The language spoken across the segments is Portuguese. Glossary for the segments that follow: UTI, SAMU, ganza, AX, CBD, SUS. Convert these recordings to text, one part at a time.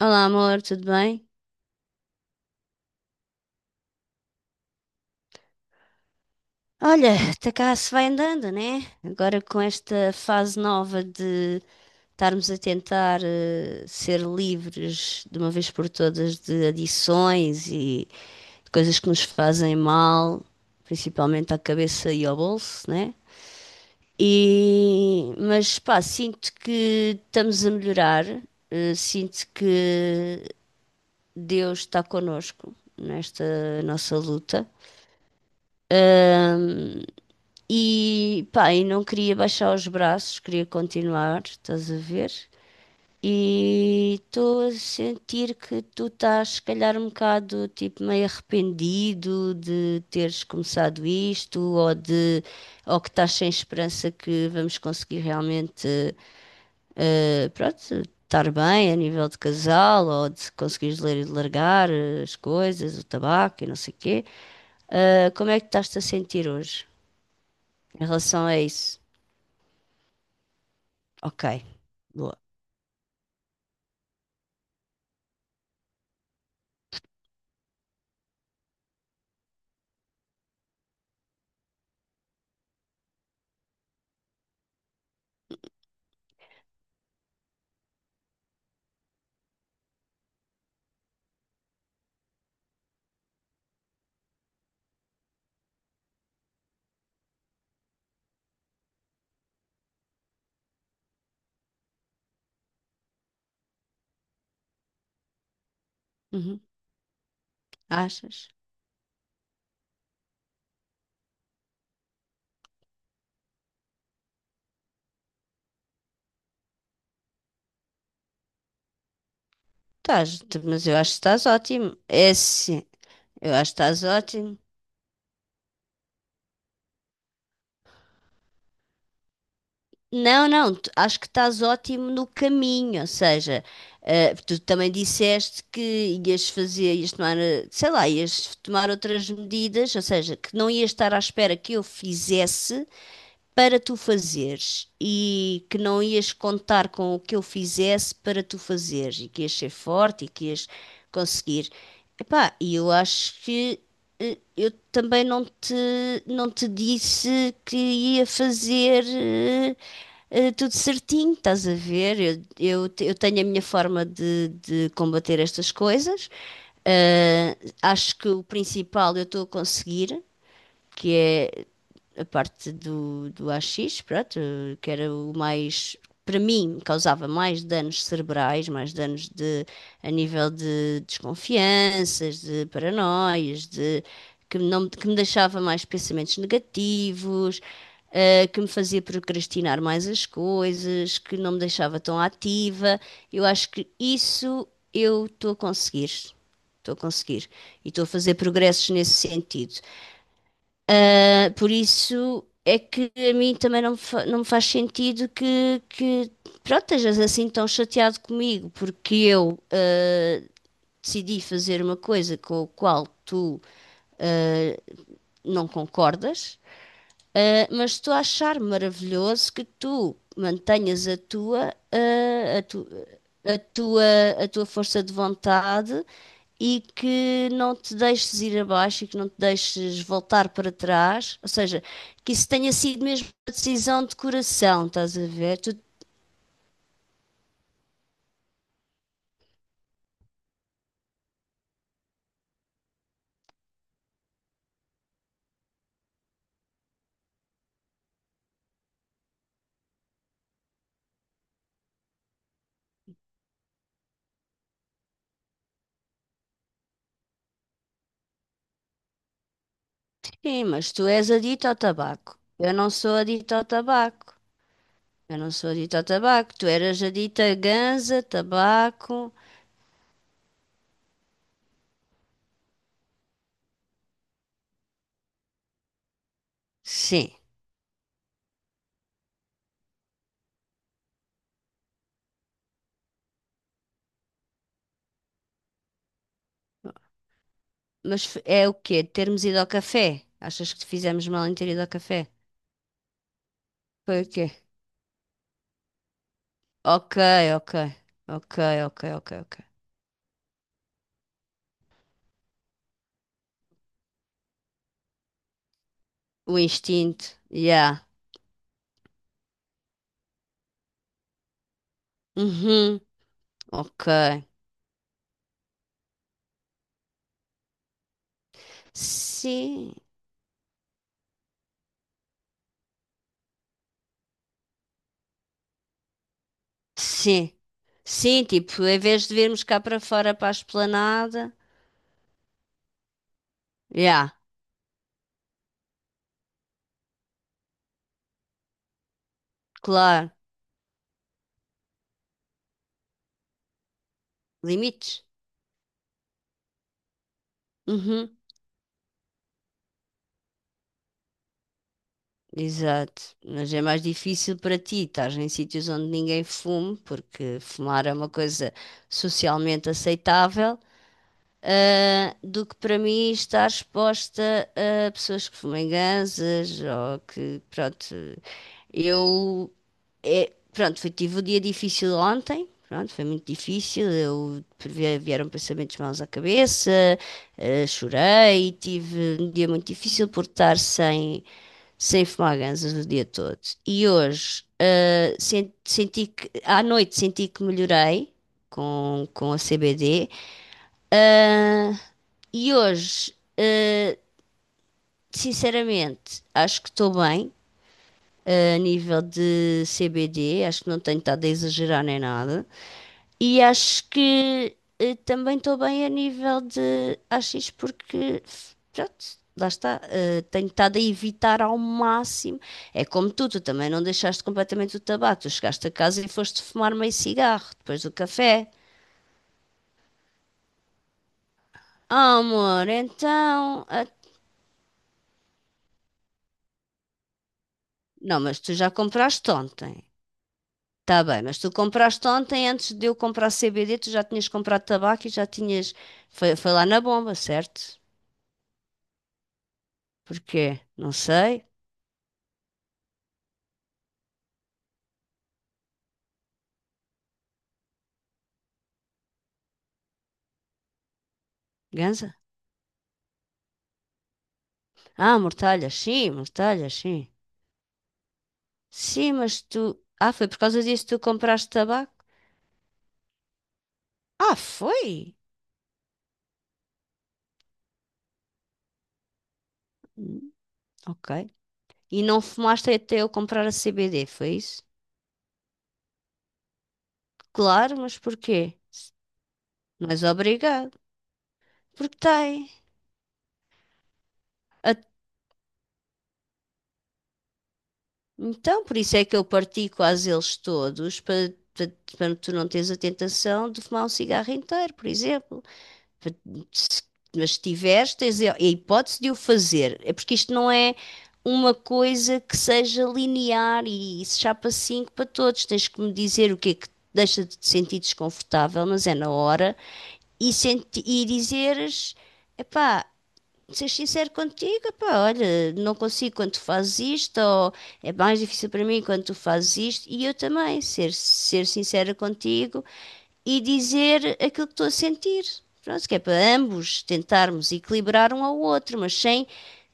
Olá, amor, tudo bem? Olha, até cá se vai andando, né? Agora com esta fase nova de estarmos a tentar ser livres de uma vez por todas de adições e de coisas que nos fazem mal, principalmente à cabeça e ao bolso, né? Mas pá, sinto que estamos a melhorar, sinto que Deus está connosco nesta nossa luta. E pá, e não queria baixar os braços, queria continuar, estás a ver? E estou a sentir que tu estás, se calhar, um bocado tipo meio arrependido de teres começado isto, ou que estás sem esperança que vamos conseguir realmente, pronto, estar bem a nível de casal, ou de conseguires ler e largar as coisas, o tabaco e não sei o quê. Como é que estás-te a sentir hoje em relação a isso? Ok, boa. Uhum. Achas? Mas eu acho que estás ótimo. É assim, eu acho que estás ótimo. Não, não, acho que estás ótimo no caminho, ou seja, tu também disseste que ias fazer, ias tomar, sei lá, ias tomar outras medidas, ou seja, que não ias estar à espera que eu fizesse para tu fazeres e que não ias contar com o que eu fizesse para tu fazeres e que ias ser forte e que ias conseguir. Epá, e eu acho que eu também não te, não te disse que ia fazer tudo certinho, estás a ver? Eu tenho a minha forma de combater estas coisas. Eh, Acho que o principal eu estou a conseguir, que é a parte do AX, pronto, que era o mais, para mim, causava mais danos cerebrais, mais danos de, a nível de desconfianças, de paranoias, que, não, que me deixava mais pensamentos negativos, que me fazia procrastinar mais as coisas, que não me deixava tão ativa. Eu acho que isso eu estou a conseguir. Estou a conseguir. E estou a fazer progressos nesse sentido. Ah, por isso é que a mim também não me, não me faz sentido pronto, estejas assim tão chateado comigo, porque eu decidi fazer uma coisa com a qual tu ah, não concordas. Mas estou a achar maravilhoso que tu mantenhas a tua, a tua, a tua força de vontade e que não te deixes ir abaixo e que não te deixes voltar para trás. Ou seja, que isso tenha sido mesmo uma decisão de coração, estás a ver? Tu, sim, mas tu és adicto ao tabaco. Eu não sou adicto ao tabaco. Eu não sou adicto ao tabaco. Tu eras adicto a ganza, tabaco. Sim. Mas é o quê? Termos ido ao café? Achas que fizemos mal em ter ido ao café? Foi o quê? Ok, ok. Ok, ok, ok, ok. O instinto. Yeah. Uhum. Ok. Sim. Sim. Sim, tipo, em vez de virmos cá para fora para a esplanada. Yeah, claro. Limites. Uhum. Exato. Mas é mais difícil para ti, estás em sítios onde ninguém fume, porque fumar é uma coisa socialmente aceitável. Ah, do que para mim estar exposta a pessoas que fumem ganzas ou que, pronto, eu, é, pronto, foi, tive um dia difícil ontem, pronto, foi muito difícil, vieram pensamentos maus à cabeça, ah, chorei, tive um dia muito difícil por estar sem, sem fumar ganzas o dia todo. E hoje, ah, senti que, à noite senti que melhorei com a CBD, e hoje, sinceramente, acho que estou bem, a nível de CBD, acho que não tenho estado a exagerar nem nada. E acho que também estou bem a nível de AX, porque, pronto, lá está, tenho estado a evitar ao máximo. É como tu, tu também não deixaste completamente o tabaco, tu chegaste a casa e foste fumar meio cigarro depois do café. Ah, amor, então. Ah, não, mas tu já compraste ontem. Tá bem, mas tu compraste ontem, antes de eu comprar CBD, tu já tinhas comprado tabaco e já tinhas. Foi, foi lá na bomba, certo? Porquê? Não sei. Ganza? Ah, mortalhas, sim, mortalhas, sim. Sim, mas tu. Ah, foi por causa disso que tu compraste tabaco? Ah, foi? Hum. Ok. E não fumaste até eu comprar a CBD, foi isso? Claro, mas porquê? Não és obrigado. Porque tem. Então, por isso é que eu parti quase eles todos, para tu não teres a tentação de fumar um cigarro inteiro, por exemplo. Pa- se- Mas se tiveres, tens a hipótese de o fazer. É porque isto não é uma coisa que seja linear e se chapa 5 para todos. Tens que me dizer o que é que te deixa de te sentir desconfortável, mas é na hora, e, senti e dizeres, epá ser sincero contigo, pá, olha, não consigo quando tu fazes isto, ou é mais difícil para mim quando tu fazes isto, e eu também, ser sincera contigo e dizer aquilo que estou a sentir. Pronto, que é para ambos tentarmos equilibrar um ao outro, mas sem.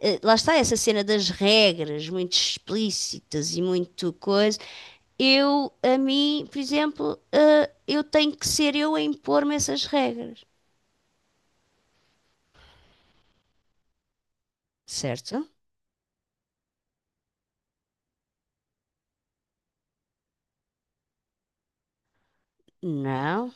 Lá está essa cena das regras muito explícitas e muito coisa. Eu, a mim, por exemplo, eu tenho que ser eu a impor-me essas regras, certo? Não,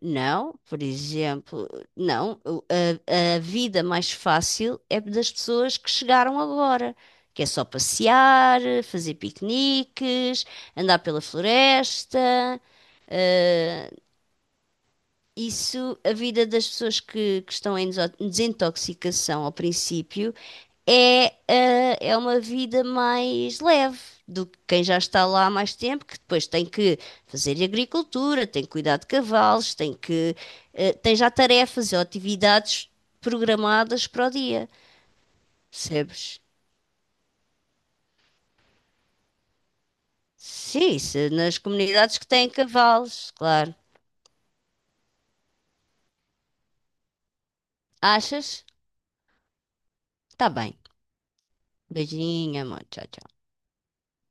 não, por exemplo, não. A vida mais fácil é das pessoas que chegaram agora, que é só passear, fazer piqueniques, andar pela floresta. Isso, a vida das pessoas que estão em desintoxicação ao princípio é, ah, é uma vida mais leve do que quem já está lá há mais tempo, que depois tem que fazer agricultura, tem que cuidar de cavalos, tem que, ah, tem já tarefas ou atividades programadas para o dia, percebes? Sim, isso, nas comunidades que têm cavalos, claro. Achas? Tá bem. Beijinho, amor. Tchau, tchau.